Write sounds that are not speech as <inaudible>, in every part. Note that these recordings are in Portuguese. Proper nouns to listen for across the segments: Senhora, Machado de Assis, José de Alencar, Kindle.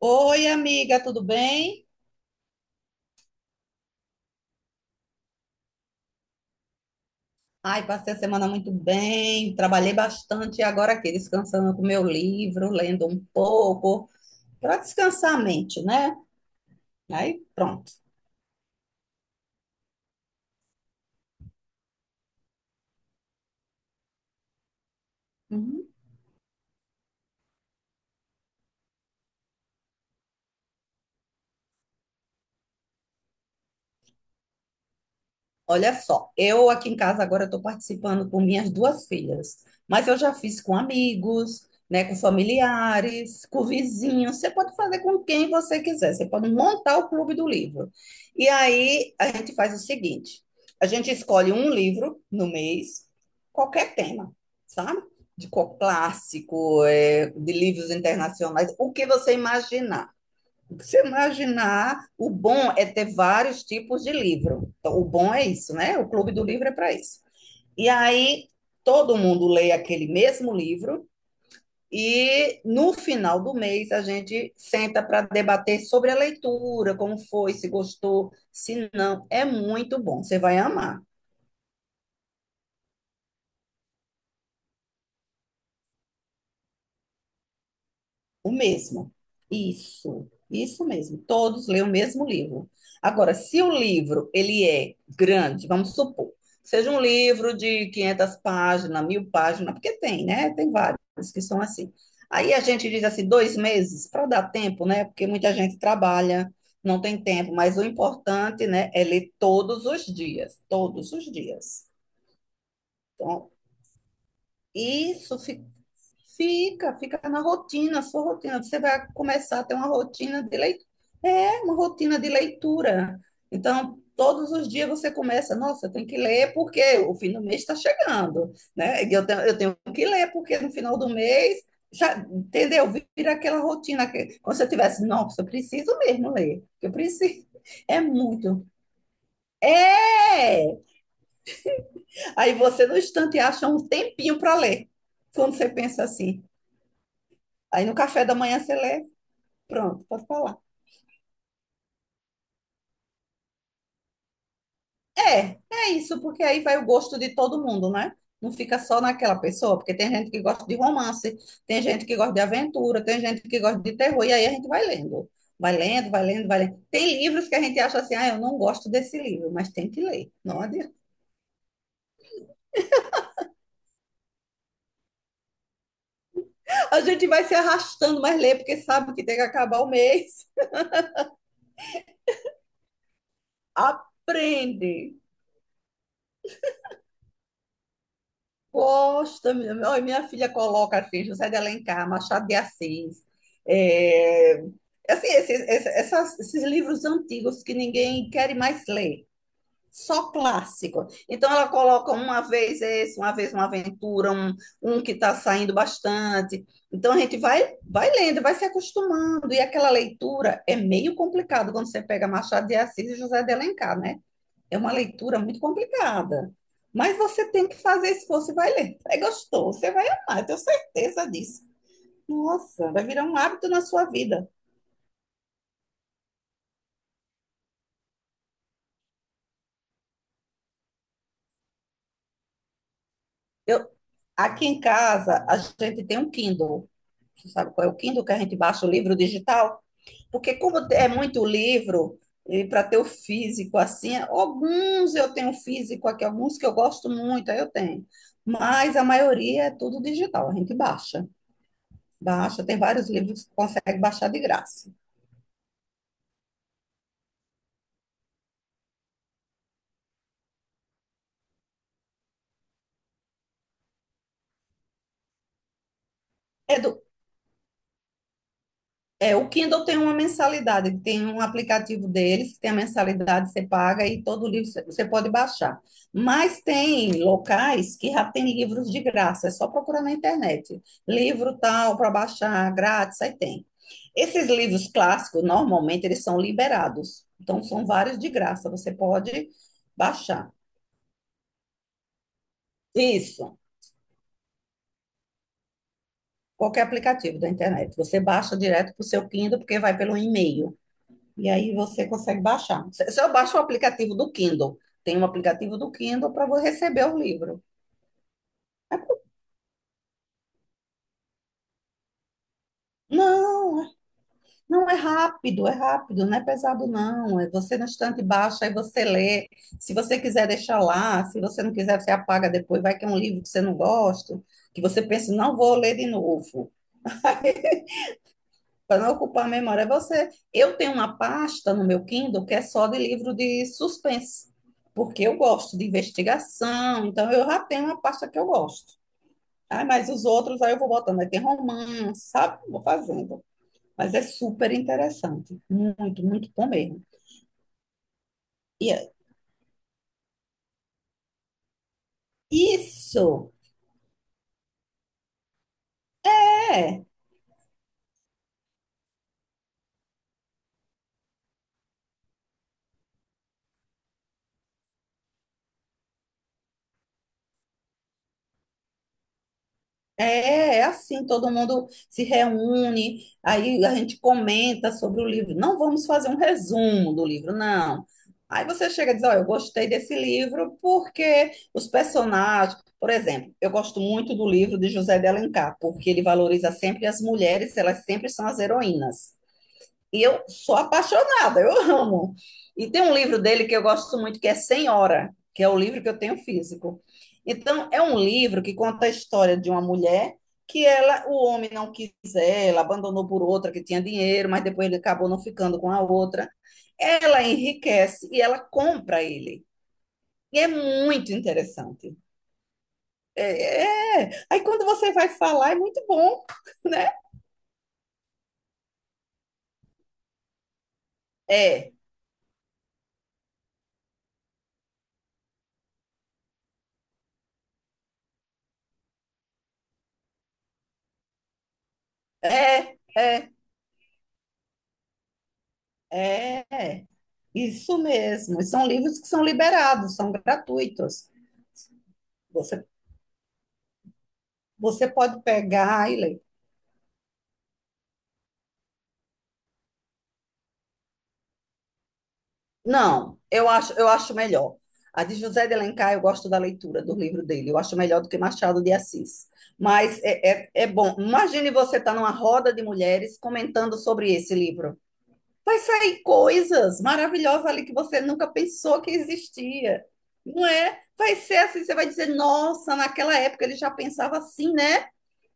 Oi, amiga, tudo bem? Ai, passei a semana muito bem, trabalhei bastante e agora aqui descansando com meu livro, lendo um pouco, para descansar a mente, né? Aí, pronto. Olha só, eu aqui em casa agora estou participando com minhas duas filhas, mas eu já fiz com amigos, né, com familiares, com vizinhos. Você pode fazer com quem você quiser, você pode montar o clube do livro. E aí a gente faz o seguinte: a gente escolhe um livro no mês, qualquer tema, sabe? Clássico, de livros internacionais, o que você imaginar. O que você imaginar, o bom é ter vários tipos de livro. Então, o bom é isso, né? O clube do livro é para isso. E aí todo mundo lê aquele mesmo livro e no final do mês a gente senta para debater sobre a leitura, como foi, se gostou, se não. É muito bom, você vai amar. O mesmo. Isso mesmo. Todos leem o mesmo livro. Agora, se o livro ele é grande, vamos supor, seja um livro de 500 páginas, 1.000 páginas, porque tem, né? Tem vários que são assim. Aí a gente diz assim, 2 meses para dar tempo, né? Porque muita gente trabalha, não tem tempo, mas o importante, né, é ler todos os dias, todos os dias. Então, isso fica na rotina, sua rotina. Você vai começar a ter uma rotina de leitura. É, uma rotina de leitura. Então, todos os dias você começa, nossa, eu tenho que ler porque o fim do mês está chegando, né? E eu tenho que ler porque no final do mês, já, entendeu? Vira aquela rotina que, como se eu tivesse, nossa, eu preciso mesmo ler, eu preciso. É muito. É! Aí você, no instante, acha um tempinho para ler, quando você pensa assim. Aí no café da manhã você lê, pronto, pode falar. É, é isso, porque aí vai o gosto de todo mundo, né? Não fica só naquela pessoa, porque tem gente que gosta de romance, tem gente que gosta de aventura, tem gente que gosta de terror, e aí a gente vai lendo. Vai lendo, vai lendo, vai lendo. Tem livros que a gente acha assim, ah, eu não gosto desse livro, mas tem que ler. Não adianta. <laughs> A gente vai se arrastando, mas lê, porque sabe que tem que acabar o mês. <laughs> Aprende. Gosta, minha, olha, minha filha coloca assim, José de Alencar, Machado de Assis, é, assim, esses livros antigos que ninguém quer mais ler, só clássico. Então ela coloca uma vez esse, uma vez uma aventura, um que está saindo bastante. Então a gente vai, vai lendo, vai se acostumando, e aquela leitura é meio complicado quando você pega Machado de Assis e José de Alencar, né? É uma leitura muito complicada. Mas você tem que fazer esforço e vai ler. Aí gostou, você vai amar, eu tenho certeza disso. Nossa, vai virar um hábito na sua vida. Eu, aqui em casa, a gente tem um Kindle. Você sabe qual é o Kindle que a gente baixa o livro digital? Porque como é muito livro, e para ter o físico assim, alguns eu tenho um físico aqui, alguns que eu gosto muito, aí eu tenho. Mas a maioria é tudo digital, a gente baixa. Baixa, tem vários livros que consegue baixar de graça. É, do, o Kindle tem uma mensalidade, que tem um aplicativo deles, que tem a mensalidade, você paga e todo livro você pode baixar. Mas tem locais que já tem livros de graça, é só procurar na internet. Livro tal, para baixar grátis, aí tem. Esses livros clássicos, normalmente, eles são liberados. Então, são vários de graça, você pode baixar. Isso, qualquer aplicativo da internet. Você baixa direto para o seu Kindle, porque vai pelo e-mail. E aí você consegue baixar. Se eu baixo o aplicativo do Kindle, tem um aplicativo do Kindle para você receber o livro. Não, não é rápido, é rápido, não é pesado, não. É você no instante baixa e você lê. Se você quiser deixar lá, se você não quiser, você apaga depois. Vai que é um livro que você não gosta, que você pensa, não vou ler de novo. Para não ocupar a memória, é você. Eu tenho uma pasta no meu Kindle que é só de livro de suspense, porque eu gosto de investigação, então eu já tenho uma pasta que eu gosto. Ah, mas os outros aí eu vou botando. Aí tem romance, sabe? Vou fazendo. Mas é super interessante. Muito, muito bom mesmo. E é- isso é, É assim, todo mundo se reúne, aí a gente comenta sobre o livro. Não vamos fazer um resumo do livro, não. Aí você chega e diz, olha, eu gostei desse livro porque os personagens, por exemplo, eu gosto muito do livro de José de Alencar, porque ele valoriza sempre as mulheres, elas sempre são as heroínas. E eu sou apaixonada, eu amo. E tem um livro dele que eu gosto muito, que é Senhora, que é o livro que eu tenho físico. Então, é um livro que conta a história de uma mulher que ela, o homem não quis ela, abandonou por outra que tinha dinheiro, mas depois ele acabou não ficando com a outra. Ela enriquece e ela compra ele. E é muito interessante. É, é. Aí quando você vai falar, é muito bom, <laughs> né? É, é, é, é. Isso mesmo. E são livros que são liberados, são gratuitos. Você, Você pode pegar e ler. Não, eu acho melhor. A de José de Alencar, eu gosto da leitura do livro dele. Eu acho melhor do que Machado de Assis. Mas é, é, é bom. Imagine você estar numa roda de mulheres comentando sobre esse livro. Vai sair coisas maravilhosas ali que você nunca pensou que existia. Não é? Vai ser assim, você vai dizer, nossa, naquela época ele já pensava assim, né?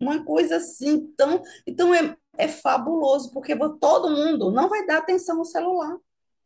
Uma coisa assim, então, então é, é fabuloso, porque todo mundo não vai dar atenção ao celular.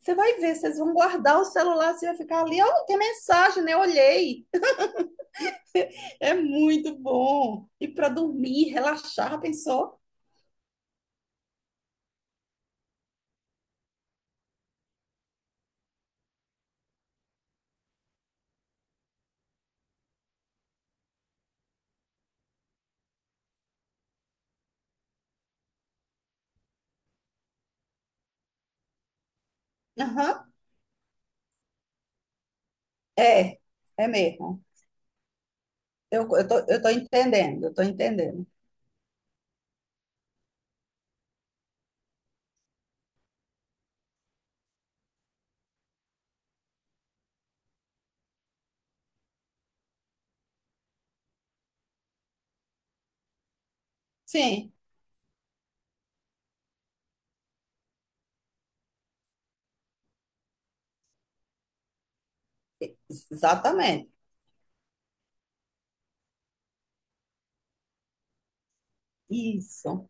Você vai ver, vocês vão guardar o celular, você vai ficar ali, ó, tem mensagem, né? Olhei. É muito bom. E para dormir, relaxar, pensou? Aham, é, é mesmo. Eu tô entendendo, eu tô entendendo. Sim, exatamente. Isso.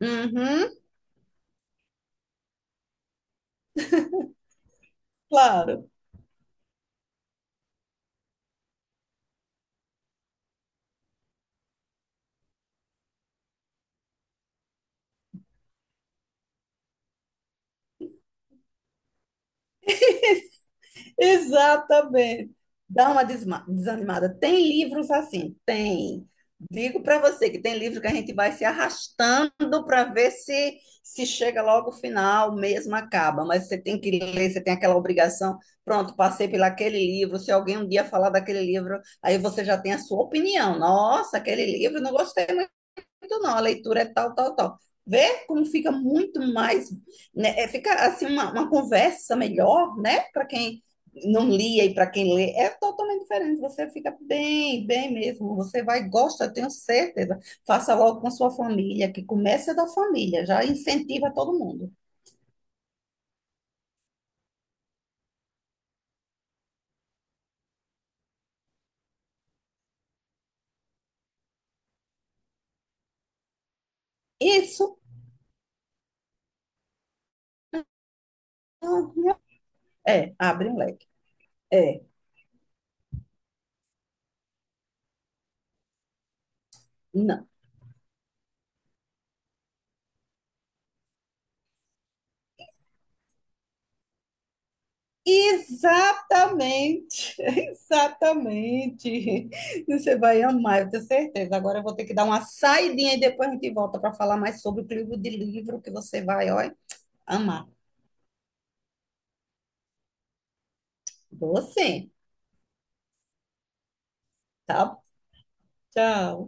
Uhum, claro. Exatamente. Dá uma desanimada. Tem livros assim, tem. Digo para você que tem livro que a gente vai se arrastando para ver se chega logo ao final, mesmo acaba, mas você tem que ler, você tem aquela obrigação. Pronto, passei por aquele livro. Se alguém um dia falar daquele livro, aí você já tem a sua opinião. Nossa, aquele livro, não gostei muito, não, a leitura é tal, tal, tal. Vê como fica muito mais, né? É, fica assim uma conversa melhor, né? Para quem não lia e para quem lê, é totalmente diferente. Você fica bem, bem mesmo. Você vai, gosta, eu tenho certeza. Faça logo com sua família, que comece da família, já incentiva todo mundo. Isso ah, é, abre um leque. É, não. Exatamente, <laughs> exatamente. Você vai amar, eu tenho certeza. Agora eu vou ter que dar uma saidinha e depois a gente volta para falar mais sobre o clube de livro que você vai, ó, amar. Você, tá? Tchau.